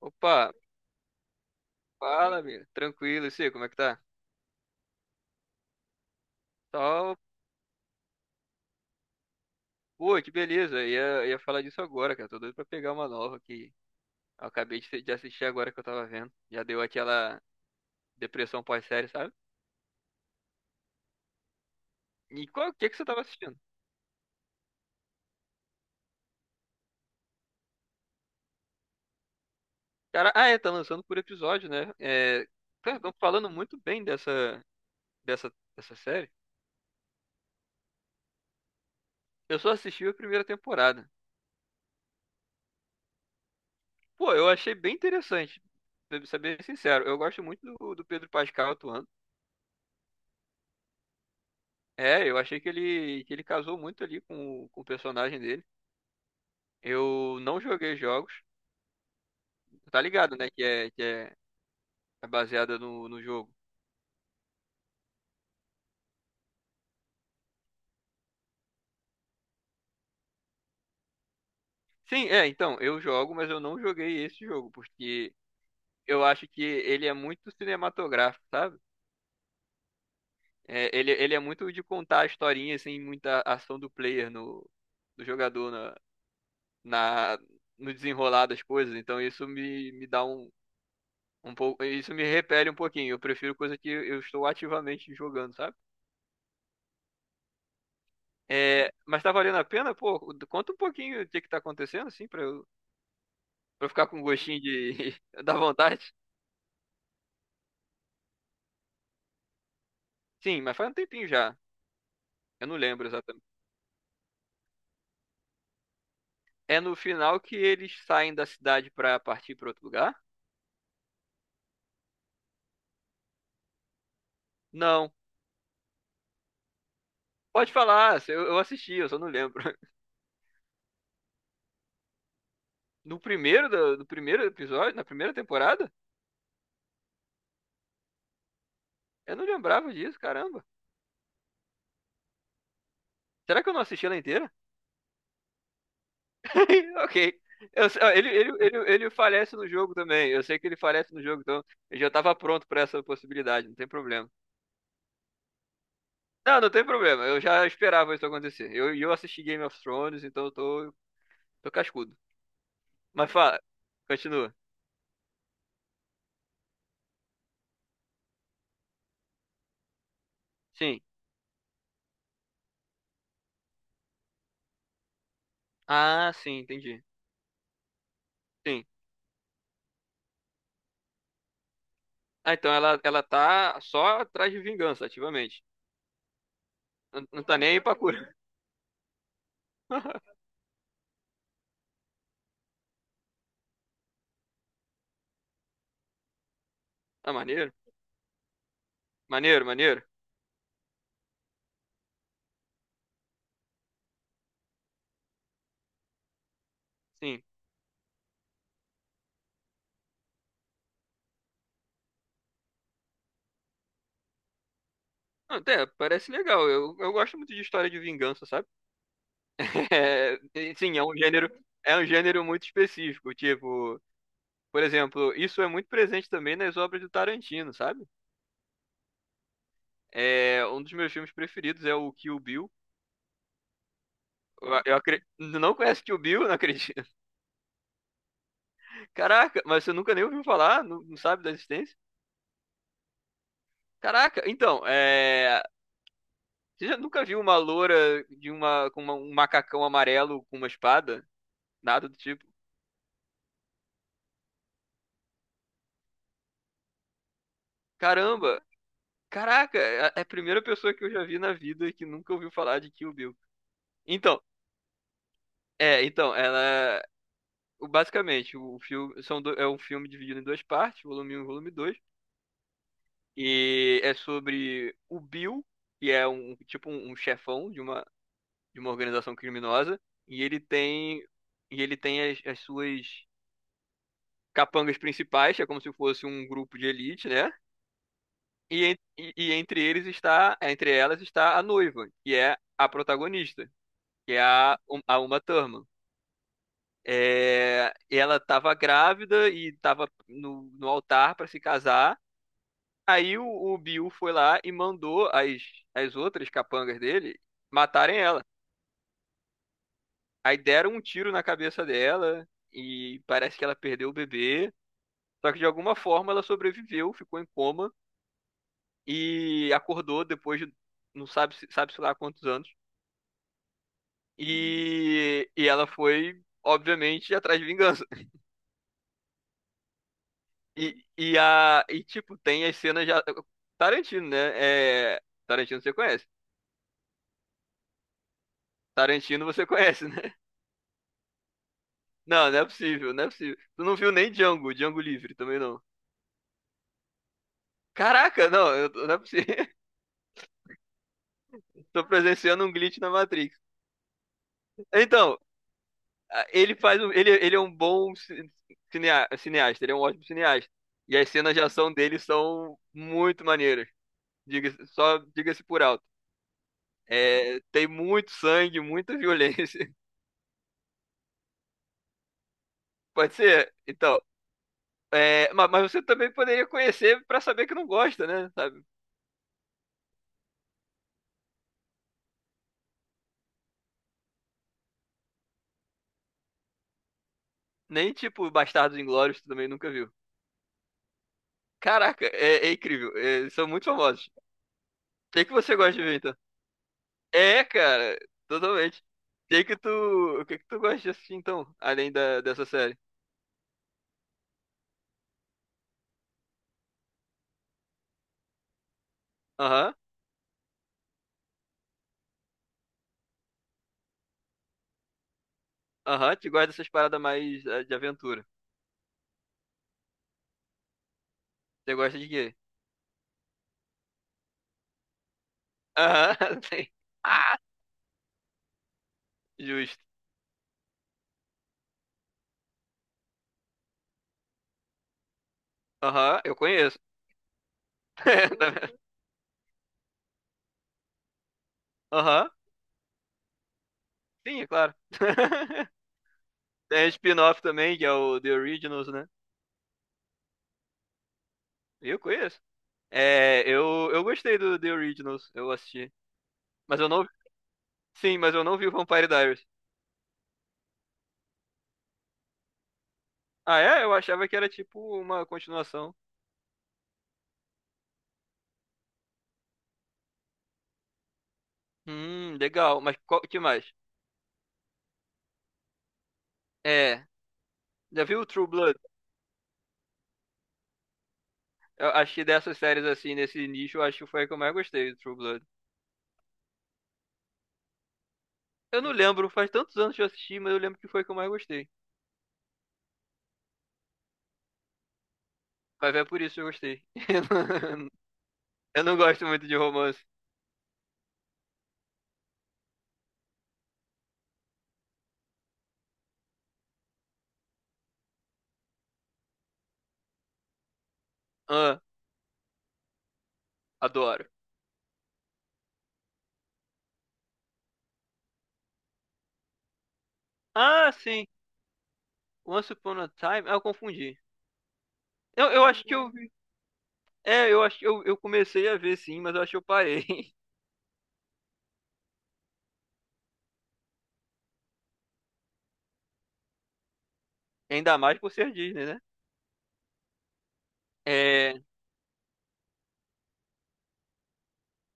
Opa, fala, amigo. Tranquilo, e você, como é que tá? Só, pô, que beleza. Ia falar disso agora, cara. Tô doido pra pegar uma nova que eu acabei de assistir agora que eu tava vendo. Já deu aquela depressão pós-série, sabe? O que que você tava assistindo? Cara, é, tá lançando por episódio, né? É, cara, estão falando muito bem dessa série. Eu só assisti a primeira temporada. Pô, eu achei bem interessante. Pra ser bem sincero, eu gosto muito do Pedro Pascal atuando. É, eu achei que ele casou muito ali com o personagem dele. Eu não joguei jogos. Tá ligado, né? Que é baseada no jogo. Sim, é, então, eu jogo, mas eu não joguei esse jogo, porque eu acho que ele é muito cinematográfico, sabe? É, ele é muito de contar a historinha, assim, muita ação do player no, do jogador na, na, no desenrolar das coisas. Então isso me dá um pouco. Isso me repele um pouquinho. Eu prefiro coisa que eu estou ativamente jogando, sabe? É, mas tá valendo a pena? Pô, conta um pouquinho o que que tá acontecendo, assim, pra eu ficar com gostinho da vontade. Sim, mas faz um tempinho já. Eu não lembro exatamente. É no final que eles saem da cidade pra partir pra outro lugar? Não. Pode falar, eu assisti, eu só não lembro. No primeiro, do, do primeiro episódio, na primeira temporada, eu não lembrava disso, caramba. Será que eu não assisti ela inteira? Ok. Ó, ele falece no jogo também. Eu sei que ele falece no jogo, então eu já tava pronto pra essa possibilidade, não tem problema. Não, não tem problema. Eu já esperava isso acontecer. E eu assisti Game of Thrones, então eu tô cascudo. Mas fala, continua. Sim. Ah, sim, entendi. Sim. Ah, então ela tá só atrás de vingança, ativamente. Não, não tá nem aí pra cura. Ah, maneiro. Maneiro, maneiro. Sim. Ah, até parece legal. Eu gosto muito de história de vingança, sabe? É, e sim, é um gênero muito específico. Tipo, por exemplo, isso é muito presente também nas obras do Tarantino, sabe? É, um dos meus filmes preferidos é o Kill Bill. Não conhece Kill Bill? Não acredito. Caraca, mas você nunca nem ouviu falar? Não, não sabe da existência? Caraca, então, é... Você já nunca viu uma loura com um macacão amarelo com uma espada? Nada do tipo. Caramba, caraca, é a primeira pessoa que eu já vi na vida que nunca ouviu falar de Kill Bill. Então, é, então, ela... Basicamente, o filme são do- é um filme dividido em duas partes, volume 1 e volume 2. E é sobre o Bill, que é um chefão de uma organização criminosa, e ele tem as suas capangas principais, que é como se fosse um grupo de elite, né? E entre elas está a noiva, que é a protagonista, que é a Uma Thurman. É, ela estava grávida e estava no altar para se casar. Aí o Bill foi lá e mandou as outras capangas dele matarem ela. Aí deram um tiro na cabeça dela e parece que ela perdeu o bebê. Só que de alguma forma ela sobreviveu, ficou em coma e acordou depois de não sabe, se- sabe-se lá quantos anos. E ela foi, obviamente, atrás de vingança. E tipo, tem as cenas já. Tarantino, né? É, Tarantino você conhece. Tarantino você conhece, né? Não, não é possível, não é possível. Tu não viu nem Django Livre também não. Caraca, não, não é possível. Tô presenciando um glitch na Matrix. Então, ele faz ele é um bom cineasta, ele é um ótimo cineasta. E as cenas de ação dele são muito maneiras. Só diga-se por alto. É, tem muito sangue, muita violência. Pode ser. Então, é, mas, você também poderia conhecer pra saber que não gosta, né? Sabe? Nem tipo Bastardos Inglórios, tu também nunca viu. Caraca, é incrível. É, eles são muito famosos. Tem que você gosta de ver, então? É, cara, totalmente. Tem que tu. O que que tu gosta de assistir, então? Além dessa série? Aham, aham. Tu gosta dessas paradas mais de aventura. Você gosta de quê? Aham, sim. Ah, justo. Aham, eu conheço. Tá vendo? Aham, sim, é claro. Tem spin-off também, que é o The Originals, né? Eu conheço. É, eu gostei do The Originals, eu assisti. Mas eu não Sim, mas eu não vi o Vampire Diaries. Ah, é? Eu achava que era tipo uma continuação. Legal. Mas qual que mais? É. Já viu o True Blood? Eu acho que dessas séries assim, nesse nicho, eu acho que foi a que eu mais gostei do True Blood. Eu não lembro, faz tantos anos que eu assisti, mas eu lembro que foi a que eu mais gostei. Mas é por isso que eu gostei. Eu não gosto muito de romance. Ah, adoro. Ah, sim. Once Upon a Time. Ah, eu confundi. Eu acho que eu vi. É, eu acho que eu comecei a ver sim, mas eu acho que eu parei. Ainda mais por ser Disney, né? É,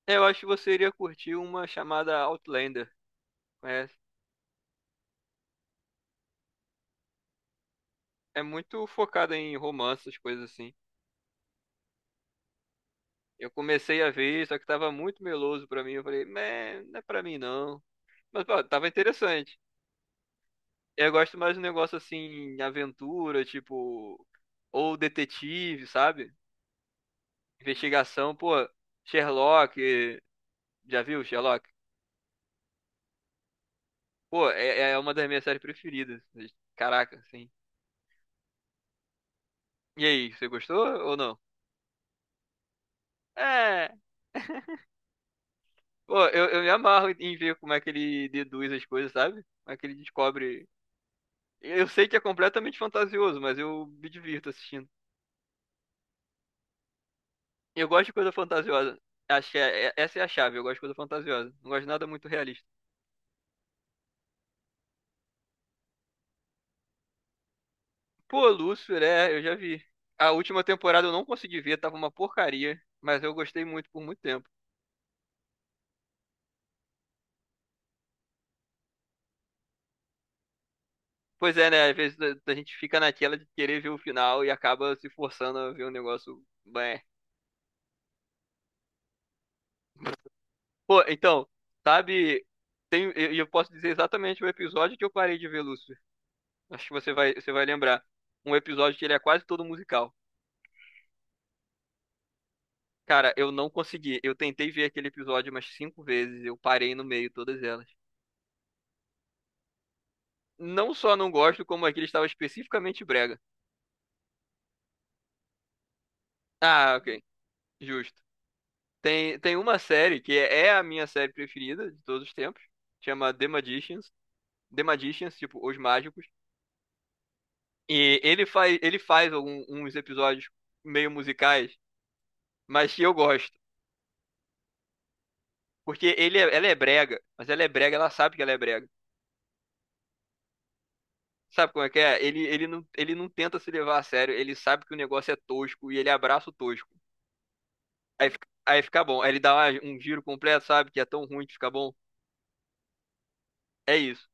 é, eu acho que você iria curtir uma chamada Outlander. É, é muito focada em romances, coisas assim. Eu comecei a ver, só que tava muito meloso pra mim. Eu falei, "Meh, não é pra mim não. Mas pô, tava interessante. Eu gosto mais de um negócio assim, aventura, tipo, ou detetive, sabe? Investigação, pô, Sherlock, já viu Sherlock? Pô, é uma das minhas séries preferidas. Caraca, assim. E aí, você gostou ou não? É. Pô, eu me amarro em ver como é que ele deduz as coisas, sabe? Como é que ele descobre. Eu sei que é completamente fantasioso, mas eu me divirto assistindo. Eu gosto de coisa fantasiosa. Acho que essa é a chave, eu gosto de coisa fantasiosa. Não gosto de nada muito realista. Pô, Lúcifer, é, eu já vi. A última temporada eu não consegui ver, tava uma porcaria, mas eu gostei muito por muito tempo. Pois é, né? Às vezes a gente fica naquela de querer ver o final e acaba se forçando a ver um negócio. Bem. Pô, então, sabe, eu posso dizer exatamente o episódio que eu parei de ver Lúcifer. Acho que você vai lembrar. Um episódio que ele é quase todo musical. Cara, eu não consegui. Eu tentei ver aquele episódio umas cinco vezes. Eu parei no meio, todas elas. Não só não gosto, como aquele estava especificamente brega. Ah, ok. Justo. Tem uma série que é a minha série preferida de todos os tempos. Chama The Magicians. The Magicians, tipo, Os Mágicos. E ele faz alguns episódios meio musicais mas que eu gosto. Porque ela é brega, mas ela é brega, ela sabe que ela é brega. Sabe como é que é? Ele não tenta se levar a sério, ele sabe que o negócio é tosco e ele abraça o tosco. Aí fica bom. Aí ele dá um giro completo, sabe? Que é tão ruim que fica bom. É isso.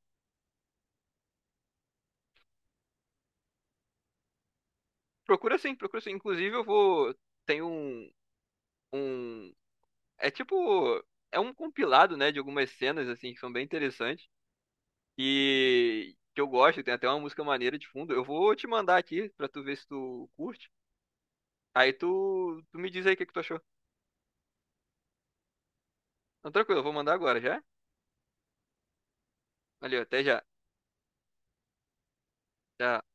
Procura sim, procura sim. Inclusive eu vou. Tem um. É tipo. É um compilado, né? De algumas cenas, assim, que são bem interessantes. E que eu gosto, tem até uma música maneira de fundo. Eu vou te mandar aqui pra tu ver se tu curte. Aí tu me diz aí o que que tu achou. Então, tranquilo, eu vou mandar agora, já? Valeu, até já. Tchau.